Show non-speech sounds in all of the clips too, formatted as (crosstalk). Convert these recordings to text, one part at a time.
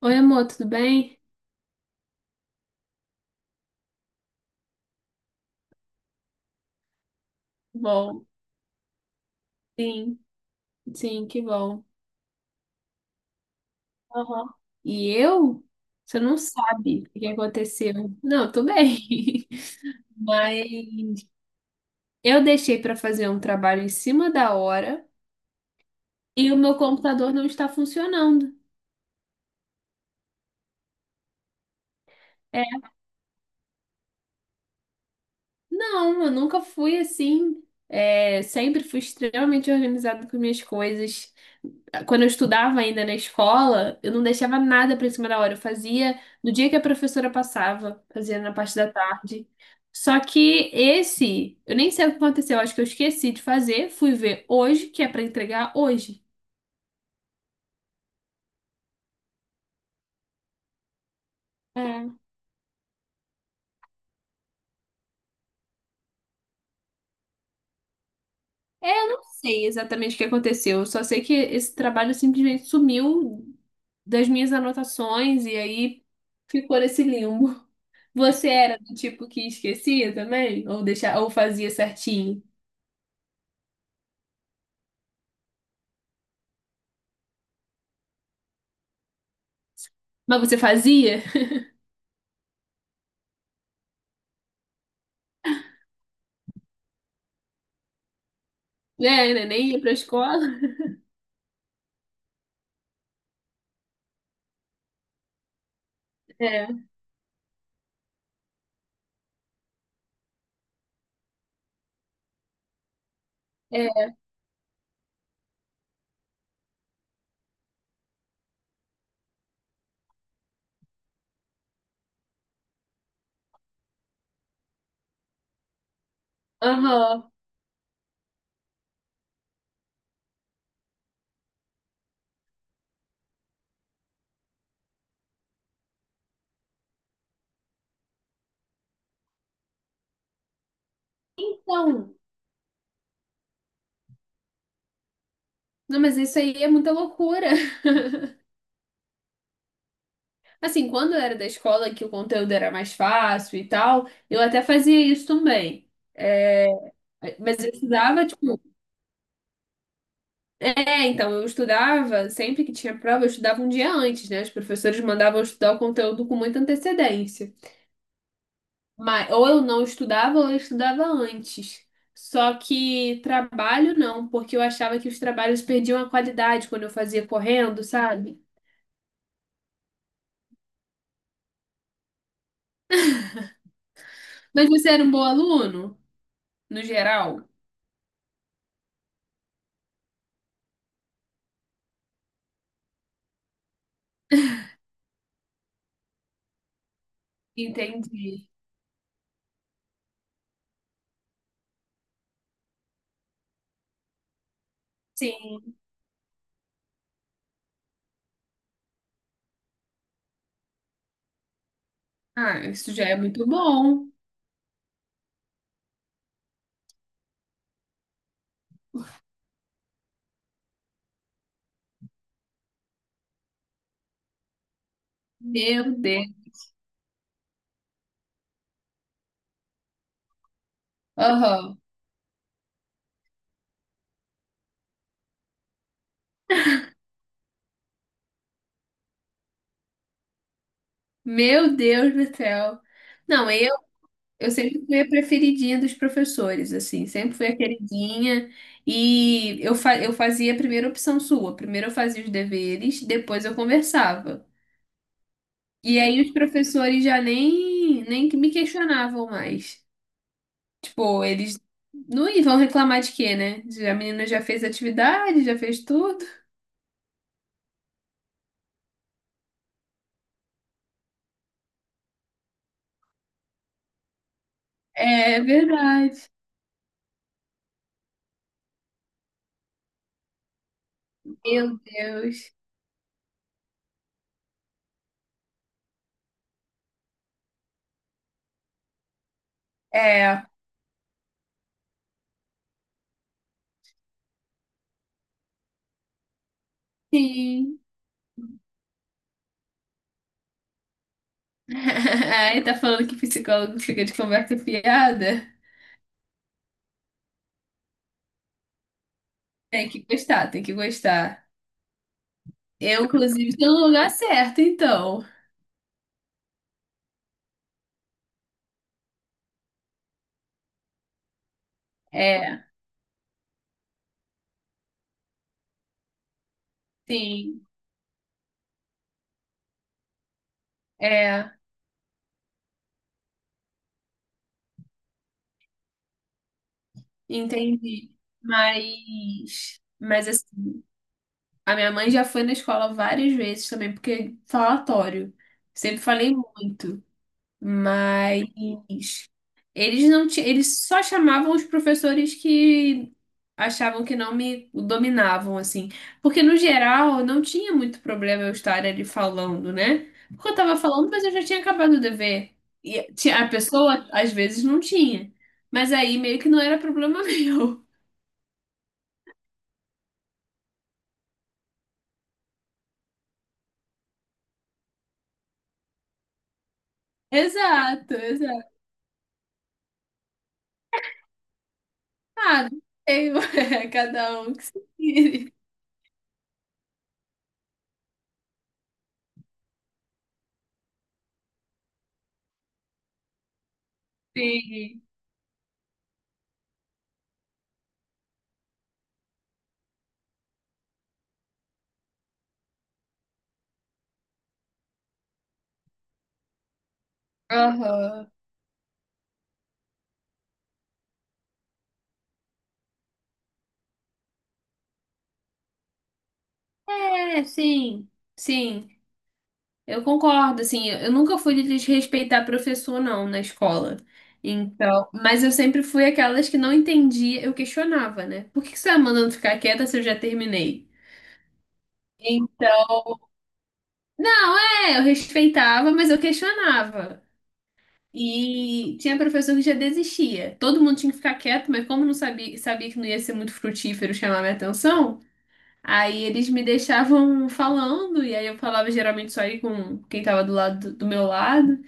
Oi, amor, tudo bem? Bom, sim. Sim, que bom. Aham. E eu? Você não sabe o que aconteceu. Não, eu tô bem. (laughs) Mas eu deixei pra fazer um trabalho em cima da hora e o meu computador não está funcionando. É, não, eu nunca fui assim. É, sempre fui extremamente organizada com minhas coisas. Quando eu estudava ainda na escola, eu não deixava nada pra cima da hora. Eu fazia no dia que a professora passava, fazia na parte da tarde. Só que esse, eu nem sei o que aconteceu, acho que eu esqueci de fazer, fui ver hoje, que é pra entregar hoje. É, é, eu não sei exatamente o que aconteceu, eu só sei que esse trabalho simplesmente sumiu das minhas anotações e aí ficou nesse limbo. Você era do tipo que esquecia também? Ou deixa, ou fazia certinho? Mas você fazia? É, né? Nem ia pra escola. É, é, aham. Então, não, mas isso aí é muita loucura. (laughs) Assim, quando eu era da escola, que o conteúdo era mais fácil e tal, eu até fazia isso também. É, mas eu estudava, tipo, é, então, eu estudava, sempre que tinha prova, eu estudava um dia antes, né? Os professores mandavam eu estudar o conteúdo com muita antecedência. Mas, ou eu não estudava ou eu estudava antes. Só que trabalho não, porque eu achava que os trabalhos perdiam a qualidade quando eu fazia correndo, sabe? Mas você era um bom aluno, no geral? Entendi. Sim. Ah, isso já é muito bom. Meu Deus. Aham. Meu Deus do céu. Não, eu sempre fui a preferidinha dos professores, assim, sempre fui a queridinha. E eu, fa eu fazia a primeira opção sua. Primeiro eu fazia os deveres, depois eu conversava. E aí os professores já nem que me questionavam mais. Tipo, eles não vão reclamar de quê, né? Já- a menina já fez atividade, já fez tudo. É verdade. Meu Deus. É, sim. (laughs) Aí tá falando que psicólogo fica de conversa fiada? Tem que gostar, tem que gostar. Eu, inclusive, estou no lugar certo, então. É, sim, é, entendi. Mas assim, a minha mãe já foi na escola várias vezes também, porque falatório. Sempre falei muito. Mas eles não eles só chamavam os professores que achavam que não me dominavam assim, porque no geral não tinha muito problema eu estar ali falando, né? Porque eu tava falando, mas eu já tinha acabado o dever. E tinha- a pessoa às vezes não tinha, mas aí meio que não era problema (laughs) meu. Exato, exato. Ah, não sei, (laughs) cada um que se vire. Sim. Aham. É, sim, sim. Eu concordo, assim, eu nunca fui de desrespeitar professor, não, na escola. Então, mas eu sempre fui aquelas que não entendia, eu questionava, né? Por que que você tá mandando ficar quieta se eu já terminei? Então, não, é, eu respeitava, mas eu questionava. E tinha professor que já desistia. Todo mundo tinha que ficar quieto, mas como não sabia, sabia que não ia ser muito frutífero chamar minha atenção, aí eles me deixavam falando, e aí eu falava geralmente só aí com quem tava do lado do meu lado.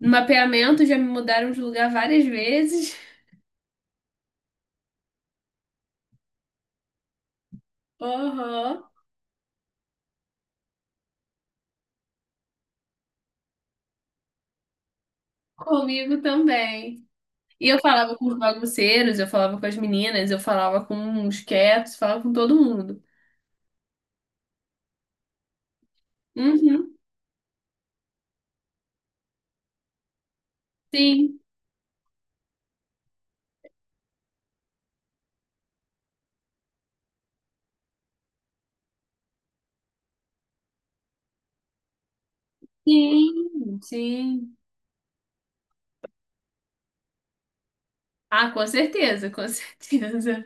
No mapeamento já me mudaram de lugar várias vezes. Aham, comigo também. E eu falava com os bagunceiros, eu falava com as meninas, eu falava com os quietos, falava com todo mundo. Uhum. Sim, sim, sim. Ah, com certeza, com (laughs) certeza.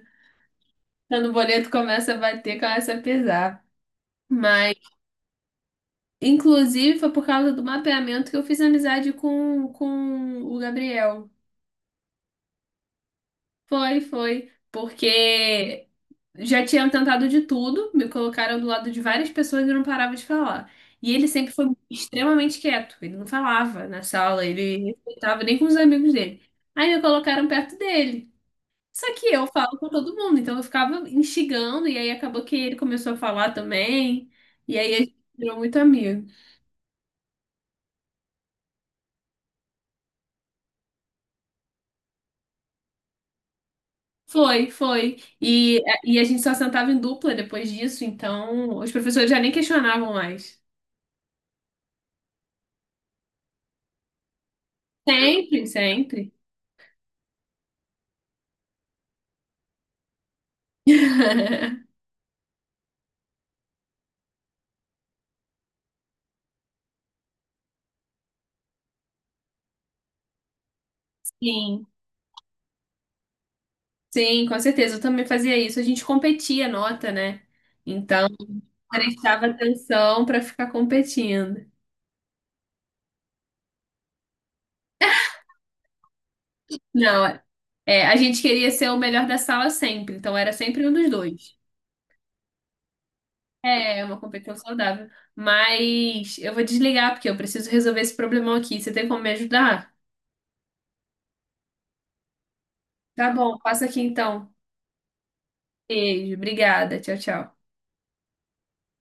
Quando o boleto começa a bater, começa a pesar. Mas, inclusive, foi por causa do mapeamento que eu fiz amizade com o Gabriel. Foi, foi. Porque já tinham tentado de tudo, me colocaram do lado de várias pessoas e eu não parava de falar. E ele sempre foi extremamente quieto, ele não falava na sala, ele não estava nem com os amigos dele. Aí me colocaram perto dele. Só que eu falo com todo mundo, então eu ficava instigando, e aí acabou que ele começou a falar também, e aí a gente virou muito amigo. Foi, foi. E a gente só sentava em dupla depois disso, então os professores já nem questionavam mais. Sempre, sempre. (laughs) Sim, sim, com certeza. Eu também fazia isso. A gente competia nota, né? Então, prestava atenção para ficar competindo. Não, é, a gente queria ser o melhor da sala sempre, então era sempre um dos dois. É, é uma competição saudável. Mas eu vou desligar porque eu preciso resolver esse problemão aqui. Você tem como me ajudar? Tá bom, passa aqui então. Beijo, obrigada. Tchau, tchau.